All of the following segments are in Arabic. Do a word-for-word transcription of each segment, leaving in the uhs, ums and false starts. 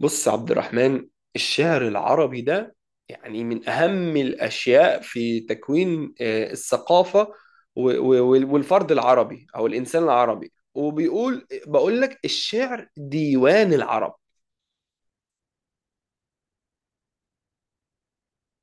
بص يا عبد الرحمن، الشعر العربي ده يعني من أهم الأشياء في تكوين آه، الثقافة و- و- وال- والفرد العربي أو الإنسان العربي، وبيقول بقول لك الشعر ديوان العرب.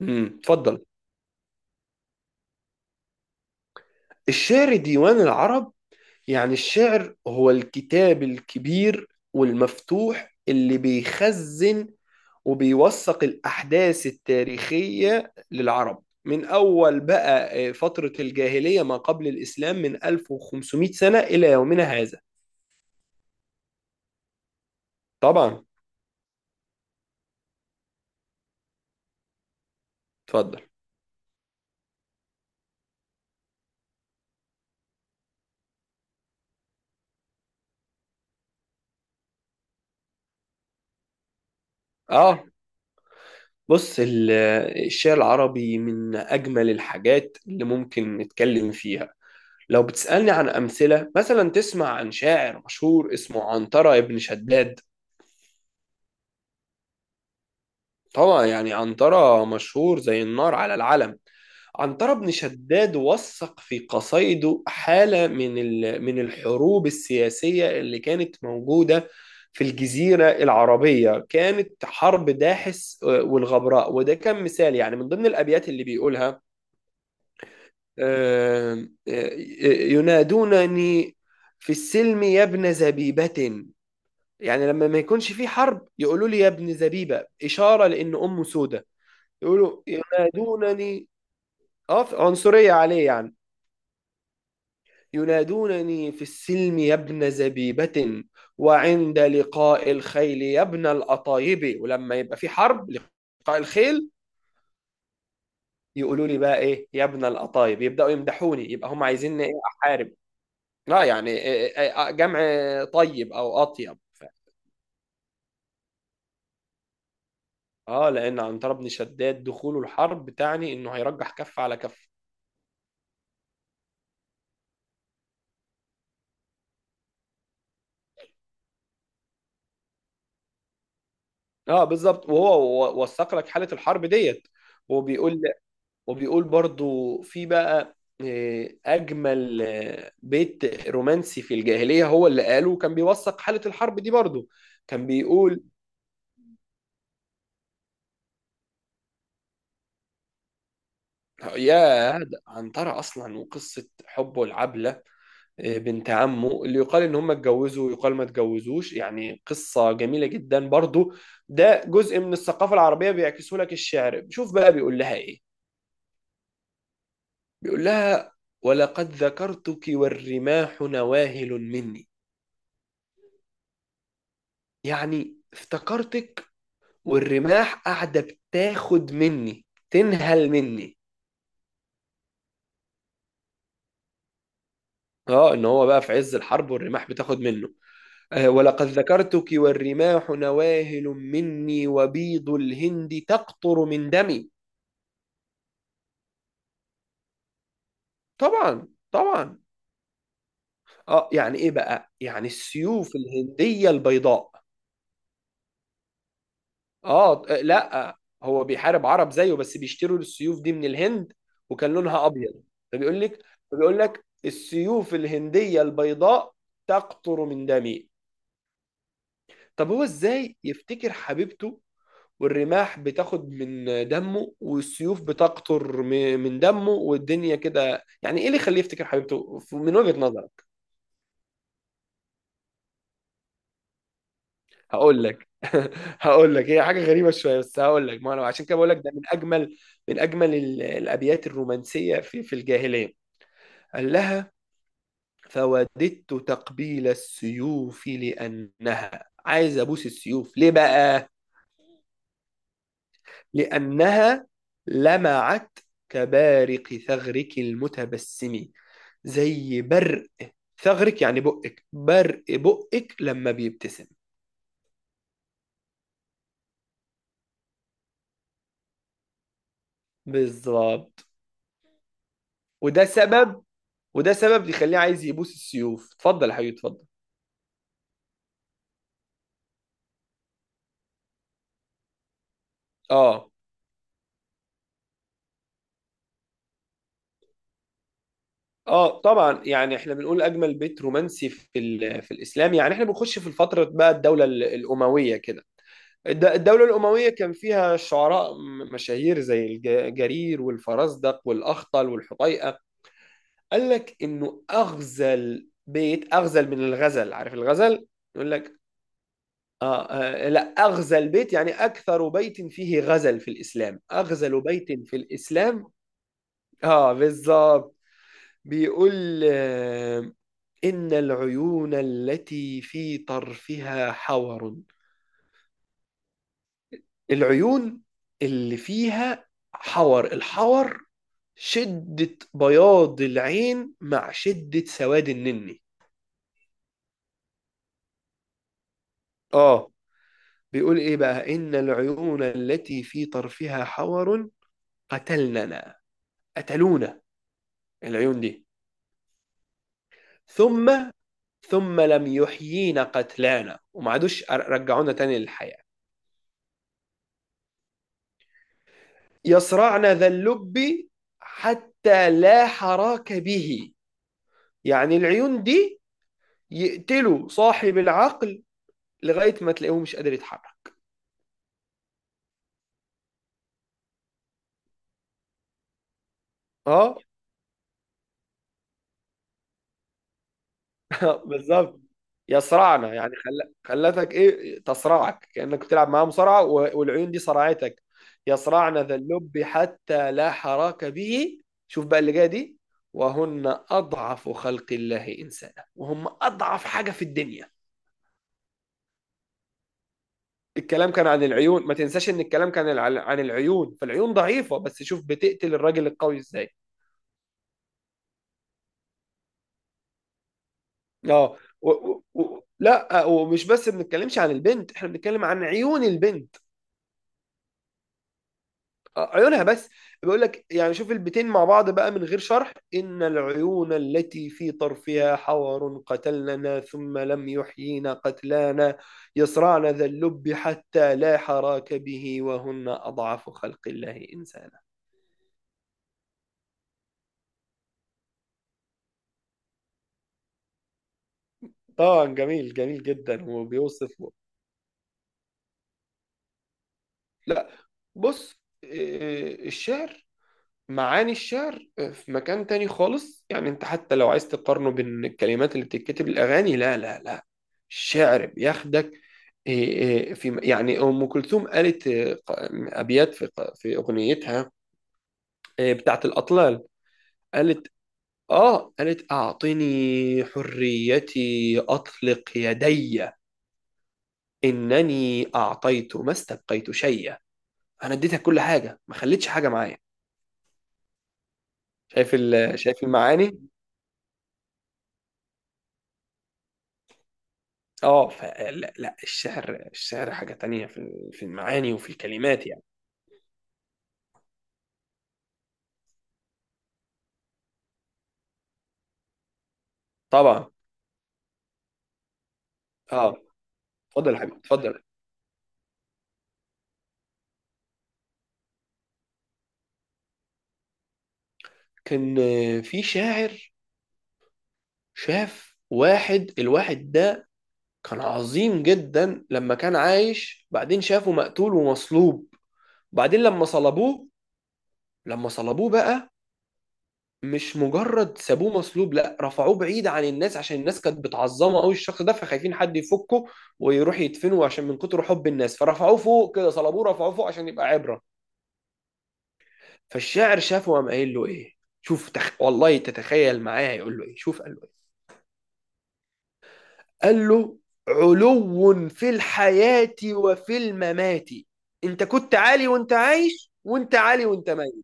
امم اتفضل. الشعر ديوان العرب يعني الشعر هو الكتاب الكبير والمفتوح اللي بيخزن وبيوثق الأحداث التاريخية للعرب من أول بقى، آه، فترة الجاهلية ما قبل الإسلام من ألف وخمسمائة سنة إلى يومنا هذا. طبعا. اتفضل. اه. بص ال- آه، الشعر العربي من أجمل الحاجات اللي ممكن نتكلم فيها. لو بتسألني عن أمثلة، مثلا تسمع عن شاعر مشهور اسمه عنترة ابن شداد. طبعا، يعني عنترة مشهور زي النار على العلم. عنترة بن شداد وثق في قصائده حالة من ال- من الحروب السياسية اللي كانت موجودة في الجزيرة العربية. كانت حرب داحس آه، والغبراء، وده كان مثال يعني من ضمن الأبيات اللي بيقولها. آه، آه، ينادونني في السلم يا ابن زبيبة، يعني لما ما يكونش في حرب يقولوا لي يا ابن زبيبة، إشارة لأن أمه سودة. يقولوا ينادونني. اه، عنصرية عليه يعني. ينادونني في السلم يا ابن زبيبة، وعند لقاء الخيل يا ابن القطايب. ولما يبقى في حرب لقاء الخيل يقولوا لي بقى ايه؟ يا ابن القطايب، يبدأوا يمدحوني، يبقى هم عايزيني ايه؟ احارب. لا يعني إيه- إيه- جمع طيب او اطيب ف- اه، لان عنتر بن شداد دخوله الحرب تعني انه هيرجح كف على كف. اه، بالظبط. وهو و- وثق لك حالة الحرب ديت. وبيقول وبيقول برضو في بقى، آه، أجمل آه، بيت رومانسي في الجاهلية هو اللي قاله، وكان بيوثق حالة الحرب دي برضو. كان بيقول. يا ده عنترة أصلا وقصة حبه العبلة، آه، بنت عمه اللي يقال إن هم اتجوزوا ويقال ما اتجوزوش، يعني قصة جميلة جدا برضو. ده جزء من الثقافة العربية بيعكسه لك الشعر. شوف بقى بيقول لها إيه. بيقول لها: ولقد ذكرتك والرماح نواهل مني. يعني افتكرتك والرماح قاعدة بتاخد مني، تنهل مني. اه، ان هو بقى في عز الحرب والرماح بتاخد منه. آه ولقد ذكرتك والرماح نواهل مني وبيض الهند تقطر من دمي. طبعا، طبعا. اه، يعني ايه بقى؟ يعني السيوف الهندية البيضاء. اه، لا هو بيحارب عرب زيه، بس بيشتروا السيوف دي من الهند وكان لونها ابيض. فبيقول لك فبيقول لك السيوف الهنديه البيضاء تقطر من دمي. طب هو ازاي يفتكر حبيبته، والرماح بتاخد من دمه والسيوف بتقطر م- من دمه والدنيا كده؟ يعني ايه اللي يخليه يفتكر حبيبته ف- من وجهة نظر. هقول لك. هقول لك، هي حاجه غريبه شويه بس هقول لك، ما انا عشان كده بقول لك ده من اجمل من اجمل ال- الابيات الرومانسيه في في الجاهليه. قال لها: فوددت تقبيل السيوف لانها. عايز ابوس السيوف ليه بقى؟ لانها لمعت كبارق ثغرك المتبسم. زي برق ثغرك، يعني بقك، برق بقك لما بيبتسم. بالظبط. وده سبب وده سبب يخليه عايز يبوس السيوف. اتفضل يا حبيبي، اتفضل. اه، اه. طبعا، يعني احنا بنقول اجمل بيت رومانسي في ال- في الاسلام، يعني احنا بنخش في الفتره بقى، الدوله ال- الامويه كده. الد- الدوله الامويه كان فيها شعراء م- مشاهير زي الج- جرير والفرزدق والاخطل والحطيئه. قال لك انه اغزل بيت، اغزل من الغزل، عارف الغزل؟ يقول لك، آه, آه لا، أغزل بيت يعني أكثر بيت فيه غزل في الإسلام، أغزل بيت في الإسلام. اه، بالظبط. بيقول آه، إن العيون التي في طرفها حور. العيون اللي فيها حور، الحور شدة بياض العين مع شدة سواد النني. اه، بيقول ايه بقى؟ إن العيون التي في طرفها حور قتلننا قتلونا، العيون دي. ثم ثم لم يحيينا قتلانا، وما عادوش رجعونا تاني للحياة. يصرعن ذا اللب حتى لا حراك به، يعني العيون دي يقتلوا صاحب العقل لغاية ما تلاقيه مش قادر يتحرك. اه. بالظبط. يصرعن يعني خل... خلتك ايه، تصرعك كأنك بتلعب معاه مصارعة و... والعيون دي صرعتك. يصرعن ذا اللب حتى لا حراك به. شوف بقى اللي جايه دي: وهن أضعف خلق الله إنسانا. وهم أضعف حاجة في الدنيا. الكلام كان عن العيون، ما تنساش ان الكلام كان عن عن العيون، فالعيون ضعيفة، بس شوف بتقتل الراجل القوي ازاي. اه. و... و... و... لا، آه، ومش بس بنتكلمش عن البنت، احنا بنتكلم عن عيون البنت. آه، عيونها بس. بيقول لك، يعني شوف البيتين مع بعض بقى من غير شرح: ان العيون التي في طرفها حور قتلنا ثم لم يحيينا قتلانا، يصرعن ذا اللب حتى لا حراك به وهن اضعف خلق الله انسانا. طبعا، جميل جميل جدا، وبيوصف. لا، بص، إيه، الشعر معاني الشعر آه، في مكان تاني خالص، يعني انت حتى لو عايز تقارنه بين الكلمات اللي بتتكتب الأغاني، لا، لا، لا، الشعر بياخدك. إيه، إيه، في، يعني أم كلثوم قالت إيه، ق- أبيات في ق- في أغنيتها إيه، بتاعت الأطلال. قالت آه قالت: أعطني حريتي أطلق يدي، إنني أعطيت ما استبقيت شيئا. أنا اديتك كل حاجة، ما خليتش حاجة معايا. شايف ال- شايف المعاني؟ اه ف- لا، لا، الشعر الشعر حاجة تانية في ال- في المعاني وفي الكلمات يعني. طبعا. اه، اتفضل يا حبيبي، اتفضل. كان آه، في شاعر. شاف واحد، الواحد ده كان عظيم جدا لما كان عايش، بعدين شافه مقتول ومصلوب. بعدين لما صلبوه، لما صلبوه بقى مش مجرد سابوه مصلوب، لا، رفعوه بعيد عن الناس عشان الناس كانت بتعظمه قوي الشخص ده، فخايفين حد يفكه ويروح يدفنه، عشان من كتر حب الناس. فرفعوه فوق كده، صلبوه رفعوه فوق عشان يبقى عبرة. فالشاعر شافه وقام قايل له ايه. شوف، تخ... والله تتخيل معايا يقول له ايه؟ شوف قال له ايه. قال له: علو في الحياة وفي الممات. انت كنت عالي وانت عايش، وانت عالي وانت ميت.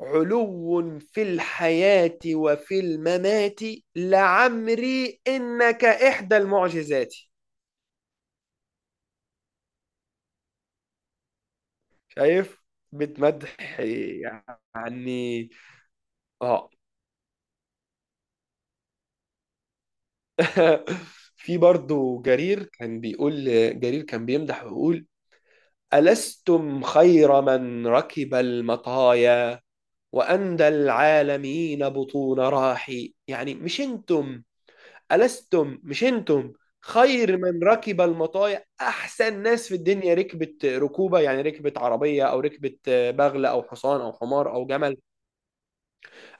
علو في الحياة وفي الممات، لعمري إنك إحدى المعجزات. شايف؟ بتمدح يعني. اه. في برضو جرير كان بيقول جرير كان بيمدح ويقول: ألستم خير من ركب المطايا وأندى العالمين بطون راحي. يعني مش انتم، ألستم مش أنتم، خير من ركب المطايا، أحسن ناس في الدنيا ركبت ركوبة، يعني ركبت عربية أو ركبت بغل أو حصان أو حمار أو جمل.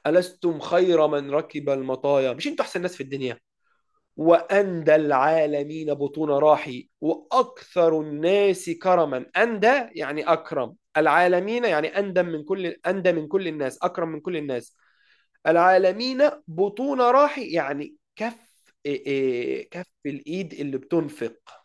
ألستم خير من ركب المطايا، مش أنتم أحسن ناس في الدنيا. وأندى العالمين بطون راحي، وأكثر الناس كرما. أندى يعني أكرم العالمين، يعني أندى من كل أندى من كل الناس، أكرم من كل الناس. العالمين بطون راحي، يعني كف، إيه إيه كف الإيد اللي بتنفق.